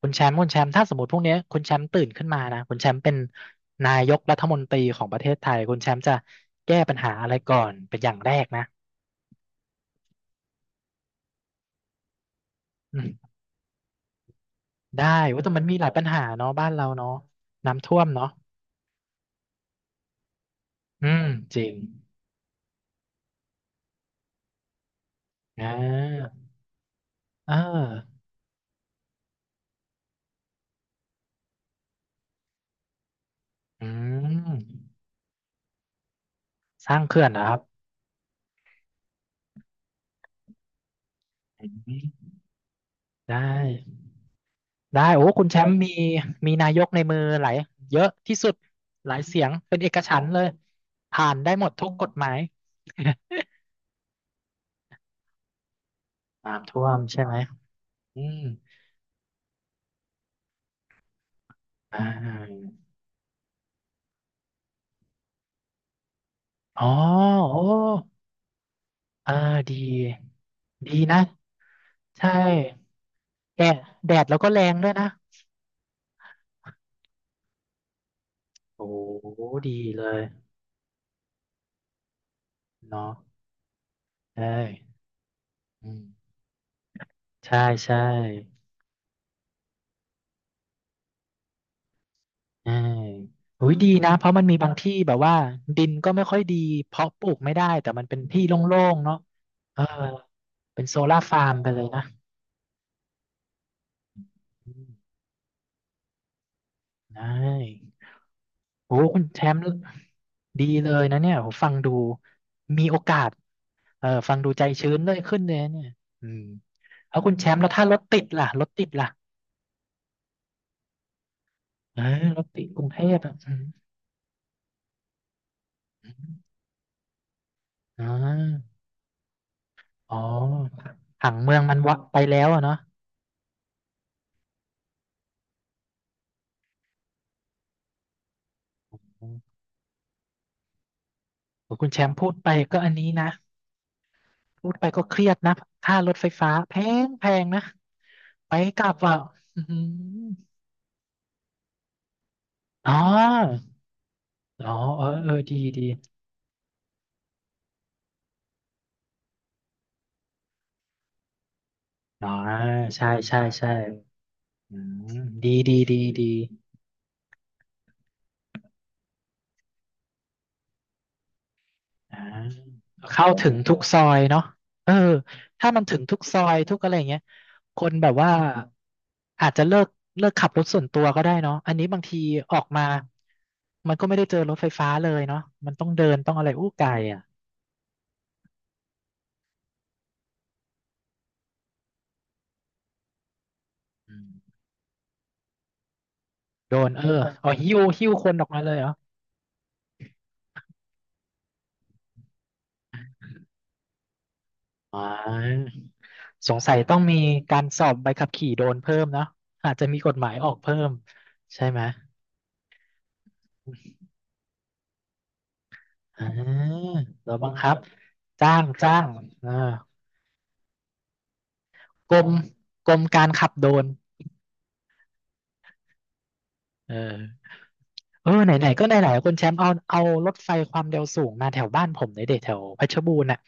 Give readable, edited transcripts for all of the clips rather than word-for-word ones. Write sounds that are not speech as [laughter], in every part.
คุณแชมป์คุณแชมป์ถ้าสมมติพรุ่งนี้คุณแชมป์ตื่นขึ้นมานะคุณแชมป์เป็นนายกรัฐมนตรีของประเทศไทยคุณแชมป์จะแก้ปัญหาอะไรก่อนเป็นอย่างแรกนะอืมได้ว่าแต่มันมีหลายปัญหาเนาะบ้านเราเนาะน้ำท่วมเนาะอืมจริงอ่าเอออืมสร้างเขื่อนนะครับอืมได้ได้โอ้คุณแชมป์มีมีนายกในมือหลายเยอะที่สุดหลายเสียงเป็นเอกฉันท์เลยผ่านได้หมดทุกกฎหมาย [laughs] น้ำท่วมใช่ไหม อืม อ่าอ๋อโอ้อ่าดี ดีนะ ใช่แดดแดดแล้วก็แรงด้วยนะ โอ้ ดีเลย เนาะใช่อืมใช่ ใช่ใช่อุ้ยดีนะเพราะมันมีบางที่แบบว่าดินก็ไม่ค่อยดี เพาะปลูกไม่ได้ แต่มันเป็นที่โล่งๆ เนาะเออเป็นโซล่าร์ฟาร์มไปเลยนะอืมได้โอ้คุณแชมป์ดีเลยนะเนี่ยผมฟังดู มีโอกาส เออฟังดูใจชื้นเลยขึ้นเลยเนี่ยอืมแล้วคุณแชมป์แล้วถ้ารถติดล่ะรถติดล่ะเออรถติดกรุงเทพอ่ะอืมอมอ่าอ๋อผังเมืองมันวักไปแล้วอะเนาะอืมโอ้คุณแชมป์พูดไปก็อันนี้นะพูดไปก็เครียดนะค่ารถไฟฟ้าแพงแพงนะไปกลับอ่ะอืมอ๋ออ๋อเออเออดีดีอ๋อใช่ใช่ใช่อืมดีดีดีดี อ่าเข้าถึงทุกซอยเนาะเออถ้ามันถึงทุกซอยทุกอะไรอย่างเงี้ยคนแบบว่าอาจจะเลิกเลิกขับรถส่วนตัวก็ได้เนาะอันนี้บางทีออกมามันก็ไม่ได้เจอรถไฟฟ้าเลยเนาะมันต้องเดินต้องอะไรอู้ไกลอ่ะอืมโดนเออเอาหิ้วหิ้วคนออกมาเลยเหรออ๋อสงสัยต้องมีการสอบใบขับขี่โดรนเพิ่มเนาะอาจจะมีกฎหมายออกเพิ่มใช่ไหมอ่าแล้วบังคับจ้างจ้างเออ กรมกรมการขับโดรนเออเออไหนๆก็ไหนๆคุณแชมป์เอาเอารถไฟความเร็วสูงมาแถวบ้านผมในเด็กแถวเพชรบูรณ์น่ะ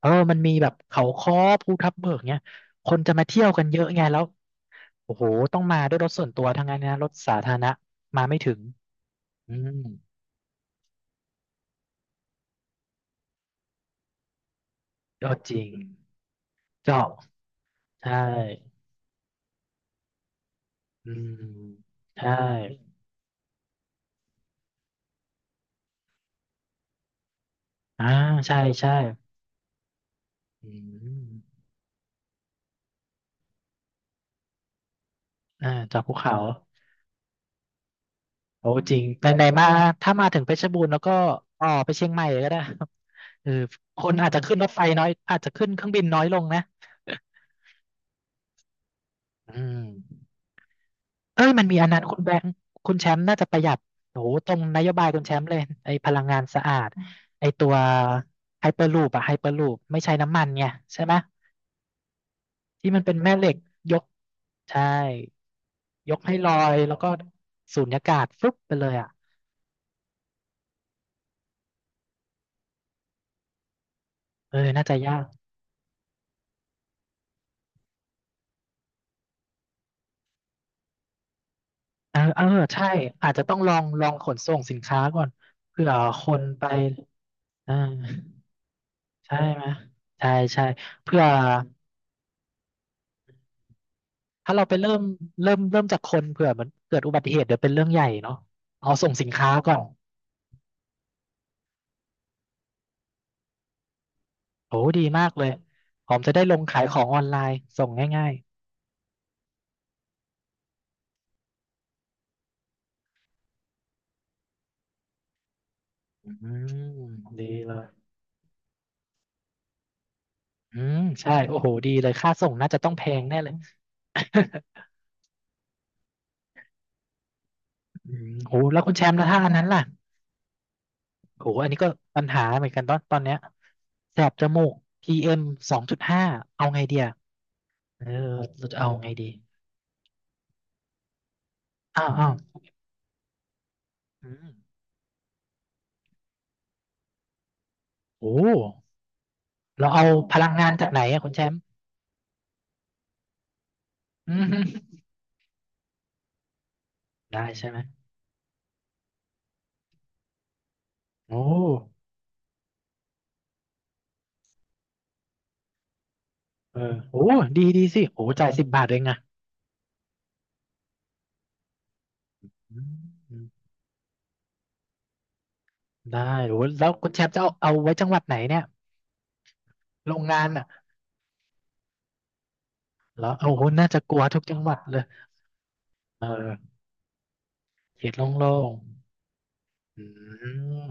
เออมันมีแบบเขาค้อภูทับเบิกเนี่ยคนจะมาเที่ยวกันเยอะไงแล้วโอ้โหต้องมาด้วยรถส่วนตัวทั้งนั้นนะรถสาธารณะมาไม่ถึงอืมก็จริงเจาะใช่อืมใช่อ่าใช่ใช่อืมอ่าจากภูเขา โอ้จริงไหนไหนมาถ้ามาถึงเพชรบูรณ์แล้วก็ต่อไปเชียงใหม่เลยก็ได้ [laughs] ครับเออคนอาจจะขึ้นรถไฟน้อยอาจจะขึ้นเครื่องบินน้อยลงนะอืมเอ้ยมันมีอันนั้นคุณแบงค์คุณแชมป์น่าจะประหยัดโอ้โหตรงนโยบายคุณแชมป์เลยไอ้พลังงานสะอาดไอ้ตัวไฮเปอร์ลูปอะไฮเปอร์ลูปไม่ใช้น้ำมันไงใช่ไหมที่มันเป็นแม่เหล็กยกใช่ยกให้ลอยแล้วก็สูญญากาศฟึบไปเลยอะเออน่าจะยาก เออเออใช่อาจจะต้องลองลองขนส่งสินค้าก่อนเผื่อคนไปอ่าใช่ไหมใช่ใช่เผื่อถ้าเราไปเริ่มเริ่มจากคนเผื่อมันเกิดอุบัติเหตุเดี๋ยวเป็นเรื่องใหญ่เนาะเอาส่งสินค้าก่อนโอ้ดีมากเลยผมจะได้ลงขายของออนไลน์ส่งง่ายๆอืมดีเลยอืมใช่โอ้โหดีเลยค่าส่งน่าจะต้องแพงแน่เลย [laughs] อืม [laughs] โหแล้วคุณแชมป์นะถ้าอันนั้นล่ะ โอ้โหอันนี้ก็ปัญหาเหมือนกันตอนตอนเนี้ยแสบจมูก PM 2.5เอาไงเดียเอออเราจะเอาไงดีอ้าวอ้าวอืมโอ้เราเอาพลังงานจากไหนอะคุณแชมป์อืมได้ใช่ไหมโอ้เออโอ้ดีดีสิโอ้จ่าย10 บาทเองอะอืมอืมได้โอ้แล้วคุณแชมป์จะเอาเอาไว้จังหวัดไหนเนี่ย โรงงานอะแล้วโอ้โหน่าจะกลัวทุกจังหวัดเลย เออเขตโล่งๆอืม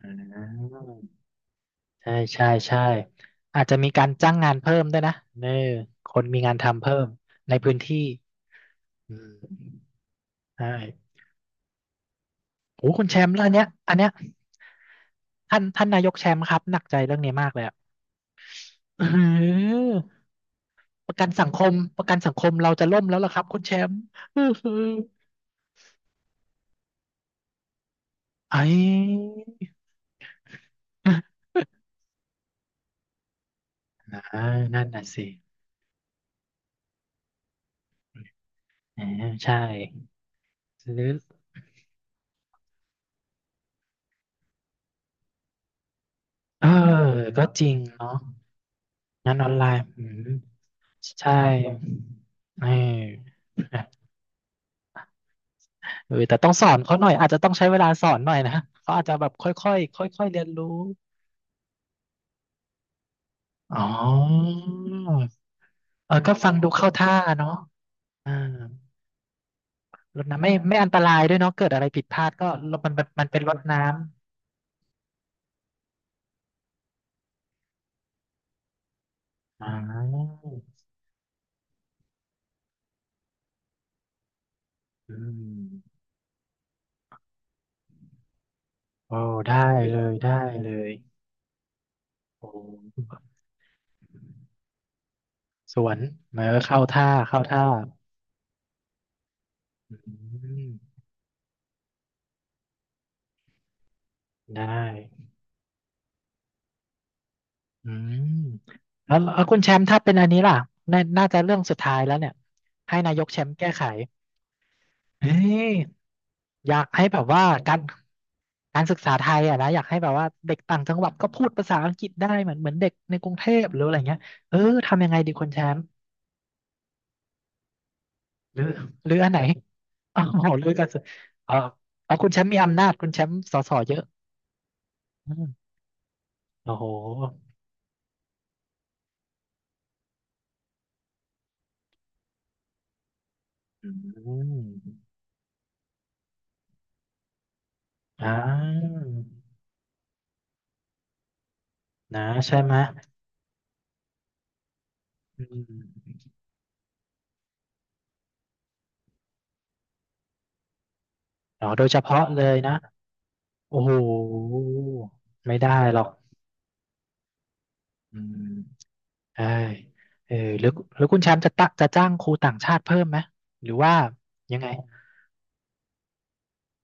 อ่า ใช่ใช่ใช่อาจจะมีการจ้างงานเพิ่มด้วยนะเนอคนมีงานทำเพิ่มในพื้นที่อืมใช่โอ้คุณแชมป์แล้วอันเนี้ยอันเนี้ยท่านท่านนายกแชมป์ครับหนักใจเรื่องนี้มากเลยอ่ะอื้อหือประกันสังคมประกันสังคมเราจะล่มแล้วล่ะครับคุณแชมป์อื้อหือไอ้อ่านั่นน่ะสิอ่าใช่หรือเออก็จริงเนาะงานออนไลน์อืมใช่ เออ [laughs] นะเออแต่ต้องสอนเขาหน่อยอาจจะต้องใช้เวลาสอนหน่อยนะเขาอาจจะแบบค่อยค่อยค่อยค่อยๆเรียนรู้อ๋อเออก็ฟังดูเข้าท่าเนาะอ่ารถน้ำไม่ไม่อันตรายด้วยเนาะเกิดอะไรผิดพลาดก็รถมันเป็นรถน้ำอ๋ออืมโอ้ได้เลยได้เลยโอ้สวนเออเข้าท่าเข้าท่าอืมได้ อืมแล้วแล้วคุณแชมป์ถ้าเป็นอันนี้ล่ะน่าน่าจะเรื่องสุดท้ายแล้วเนี่ยให้นายกแชมป์แก้ไขเฮ้ยอยากให้แบบว่าการการศึกษาไทยอ่ะนะอยากให้แบบว่าเด็กต่างจังหวัดก็พูดภาษาอังกฤษได้เหมือนเหมือนเด็กในกรุงเทพหรืออะไรเงี้ยเออทำยังไงดีคุณแชมป์หรือหรืออันไหน [laughs] อ๋อหรือกันเออเอาคุณแชมป์มีอำนาจคุณแชมป์สสเยอะอืมโอ้โหอืมอ่านะใช่ไหมอืม อ๋อโดยเฉพาะเลยนะโอ้โหไม่ได้หรอกอืมใช่เออหรือหรือคุณแชมป์จะตะจะจ้างครูต่างชาติเพิ่มไหมหรือว่ายังไง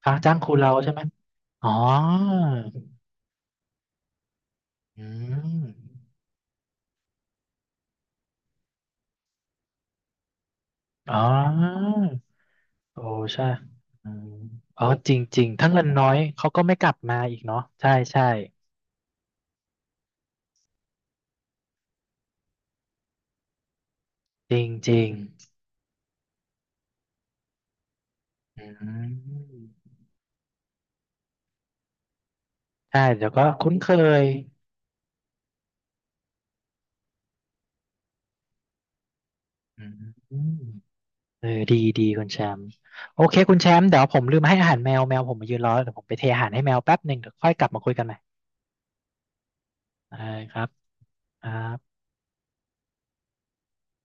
คะจ้างครูเราใช่ไหมอ๋ออืมอ๋อโอ้ใช่อืมอ๋อจริงๆถ้าเงินน้อยเขาก็ไม่กลับมาอีกเนาะใช่ใช่จริงจริงอืมใช่เดี๋ยวก็คุ้นเคยอืม เออดีดีคุณแชมป์โอเคคุณแชมป์เดี๋ยวผมลืมให้อาหารแมวแมวผมมายืนรอเดี๋ยวผมไปเทอาหารให้แมวแป๊บหนึ่งเดี๋ยวค่อยกลับมาคุยกันใหม่ได้ครับครับ